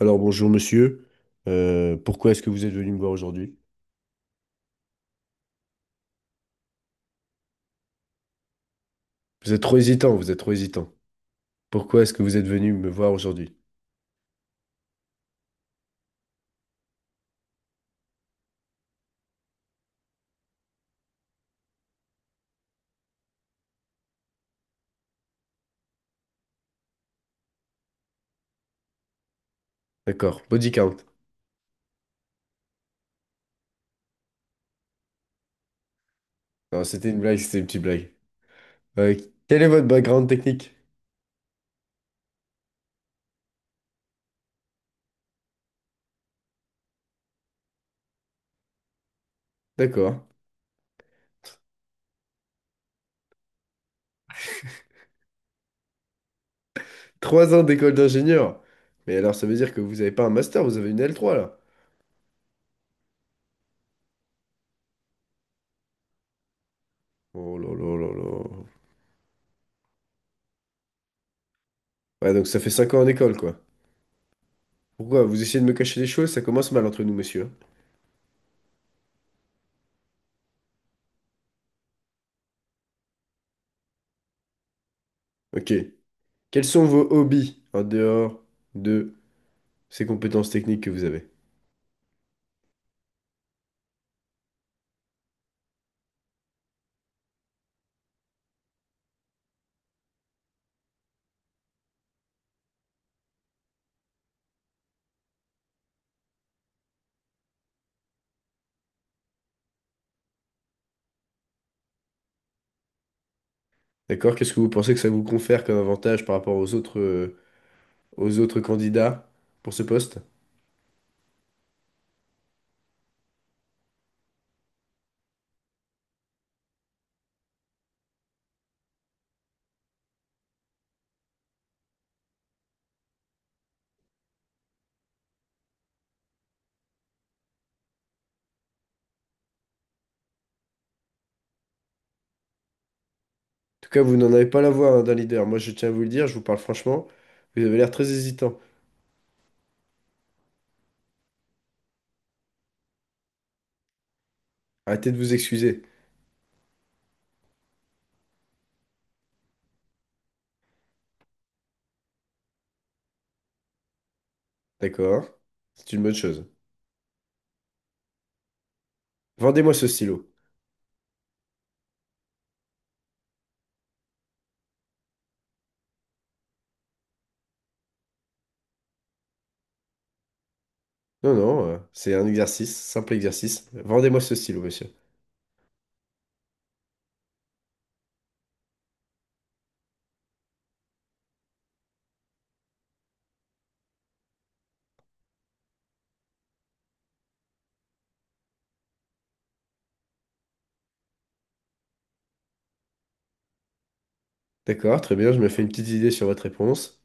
Alors bonjour monsieur. Pourquoi est-ce que vous êtes venu me voir aujourd'hui? Vous êtes trop hésitant, vous êtes trop hésitant. Pourquoi est-ce que vous êtes venu me voir aujourd'hui? D'accord, body count. Non, c'était une blague, c'était une petite blague. Euh, quel est votre background technique? D'accord. Trois ans d'école d'ingénieur. Mais alors ça veut dire que vous n'avez pas un master, vous avez une L3 là. Oh là là là là. Ouais, donc ça fait cinq ans en école quoi. Pourquoi? Vous essayez de me cacher des choses, ça commence mal entre nous, monsieur, hein. Ok. Quels sont vos hobbies en dehors de ces compétences techniques que vous avez? D'accord. Qu'est-ce que vous pensez que ça vous confère comme avantage par rapport aux autres candidats pour ce poste? En tout cas, vous n'en avez pas la voix, hein, d'un leader. Moi, je tiens à vous le dire, je vous parle franchement. Vous avez l'air très hésitant. Arrêtez de vous excuser. D'accord. C'est une bonne chose. Vendez-moi ce stylo. Non, non, c'est un exercice, simple exercice. Vendez-moi ce stylo, monsieur. D'accord, très bien, je me fais une petite idée sur votre réponse.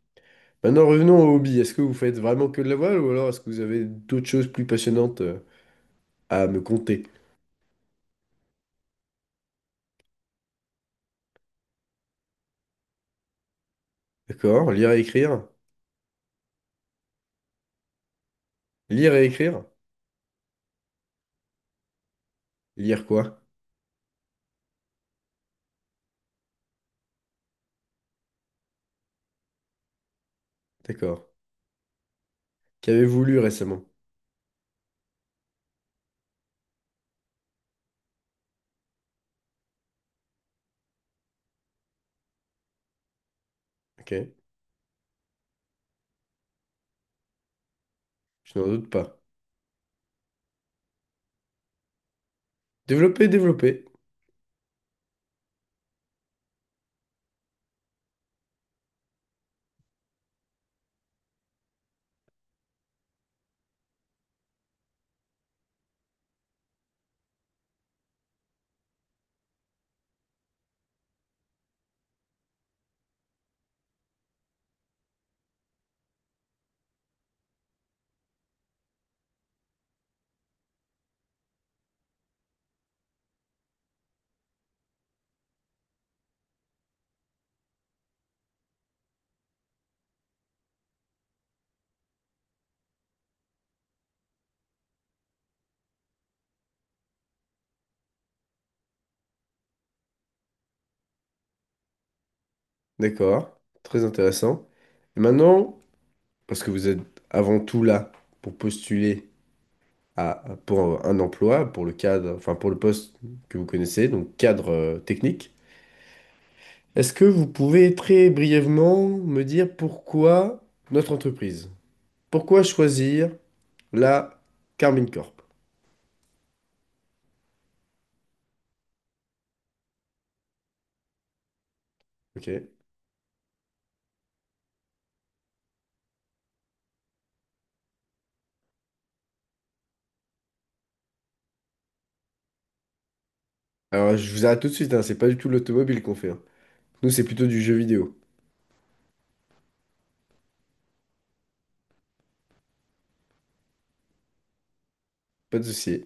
Maintenant, revenons au hobby. Est-ce que vous faites vraiment que de la voile ou alors est-ce que vous avez d'autres choses plus passionnantes à me conter? D'accord. Lire et écrire. Lire et écrire. Lire quoi? D'accord. Qu'avez-vous lu récemment? Ok. Je n'en doute pas. Développer, développer. D'accord. Très intéressant. Et maintenant, parce que vous êtes avant tout là pour postuler à, pour un emploi, pour le cadre, enfin pour le poste que vous connaissez, donc cadre technique, est-ce que vous pouvez très brièvement me dire pourquoi notre entreprise? Pourquoi choisir la Carmine Corp? Ok. Alors, je vous arrête tout de suite, hein, c'est pas du tout l'automobile qu'on fait, hein. Nous, c'est plutôt du jeu vidéo. Pas de souci.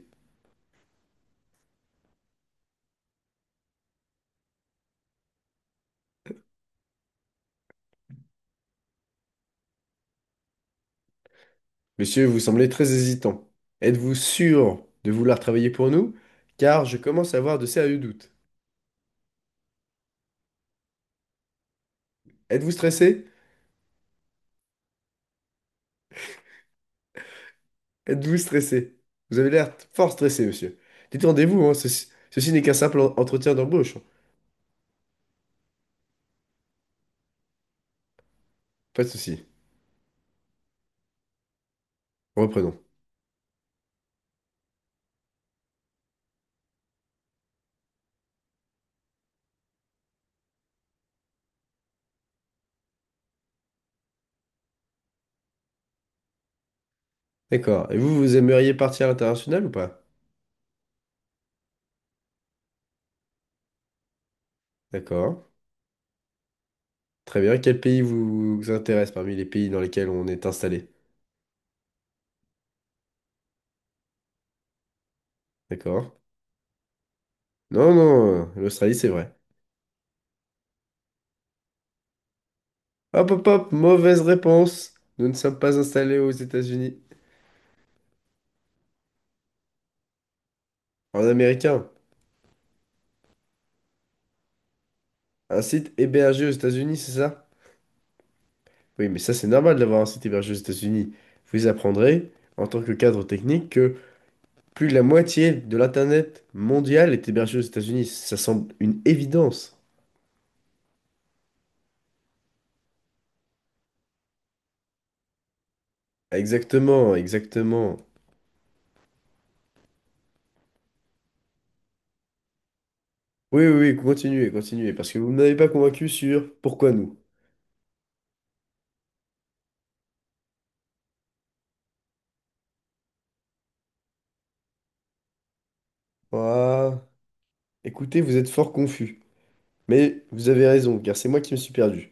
Monsieur, vous semblez très hésitant. Êtes-vous sûr de vouloir travailler pour nous? Car je commence à avoir de sérieux doutes. Êtes-vous stressé? Êtes-vous stressé? Vous avez l'air fort stressé, monsieur. Détendez-vous, hein, ceci, ceci n'est qu'un simple entretien d'embauche, hein. Pas de souci. Reprenons. D'accord. Et vous, vous aimeriez partir à l'international ou pas? D'accord. Très bien. Quel pays vous intéresse parmi les pays dans lesquels on est installé? D'accord. Non, non, l'Australie, c'est vrai. Hop, hop, hop, mauvaise réponse. Nous ne sommes pas installés aux États-Unis. En américain, un site hébergé aux États-Unis, c'est ça? Oui, mais ça, c'est normal d'avoir un site hébergé aux États-Unis. Vous apprendrez, en tant que cadre technique, que plus de la moitié de l'Internet mondial est hébergé aux États-Unis. Ça semble une évidence. Exactement, exactement. Oui, oui, oui, continuez, continuez, parce que vous ne m'avez pas convaincu sur pourquoi nous. Ah, écoutez, vous êtes fort confus. Mais vous avez raison, car c'est moi qui me suis perdu.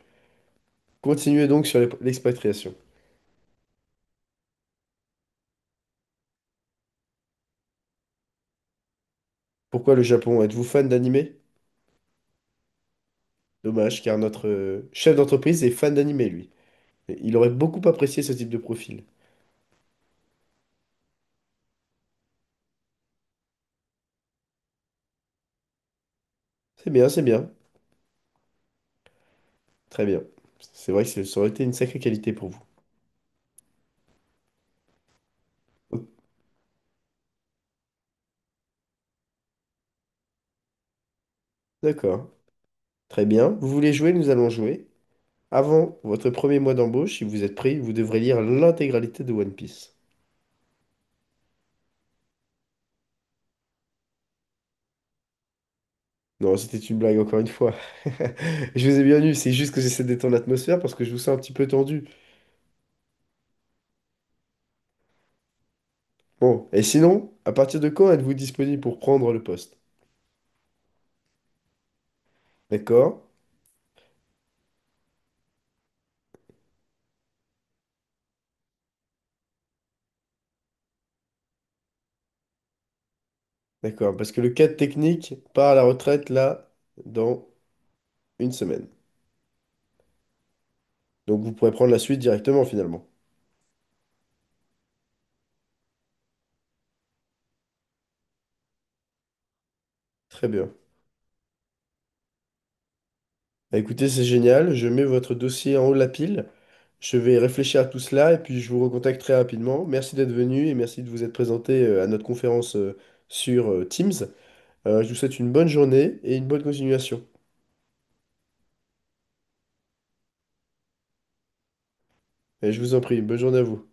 Continuez donc sur l'expatriation. Pourquoi le Japon? Êtes-vous fan d'anime? Dommage, car notre chef d'entreprise est fan d'anime, lui. Et il aurait beaucoup apprécié ce type de profil. C'est bien, c'est bien. Très bien. C'est vrai que ça aurait été une sacrée qualité pour vous. Oh. D'accord. Très bien. Vous voulez jouer? Nous allons jouer. Avant votre premier mois d'embauche, si vous êtes pris, vous devrez lire l'intégralité de One Piece. Non, c'était une blague encore une fois. Je vous ai bien eu, c'est juste que j'essaie de détendre l'atmosphère parce que je vous sens un petit peu tendu. Bon, et sinon, à partir de quand êtes-vous disponible pour prendre le poste? D'accord. D'accord, parce que le cadre technique part à la retraite là dans une semaine. Donc vous pourrez prendre la suite directement finalement. Très bien. Bah, écoutez, c'est génial. Je mets votre dossier en haut de la pile. Je vais réfléchir à tout cela et puis je vous recontacte très rapidement. Merci d'être venu et merci de vous être présenté à notre conférence sur Teams. Je vous souhaite une bonne journée et une bonne continuation. Et je vous en prie, bonne journée à vous.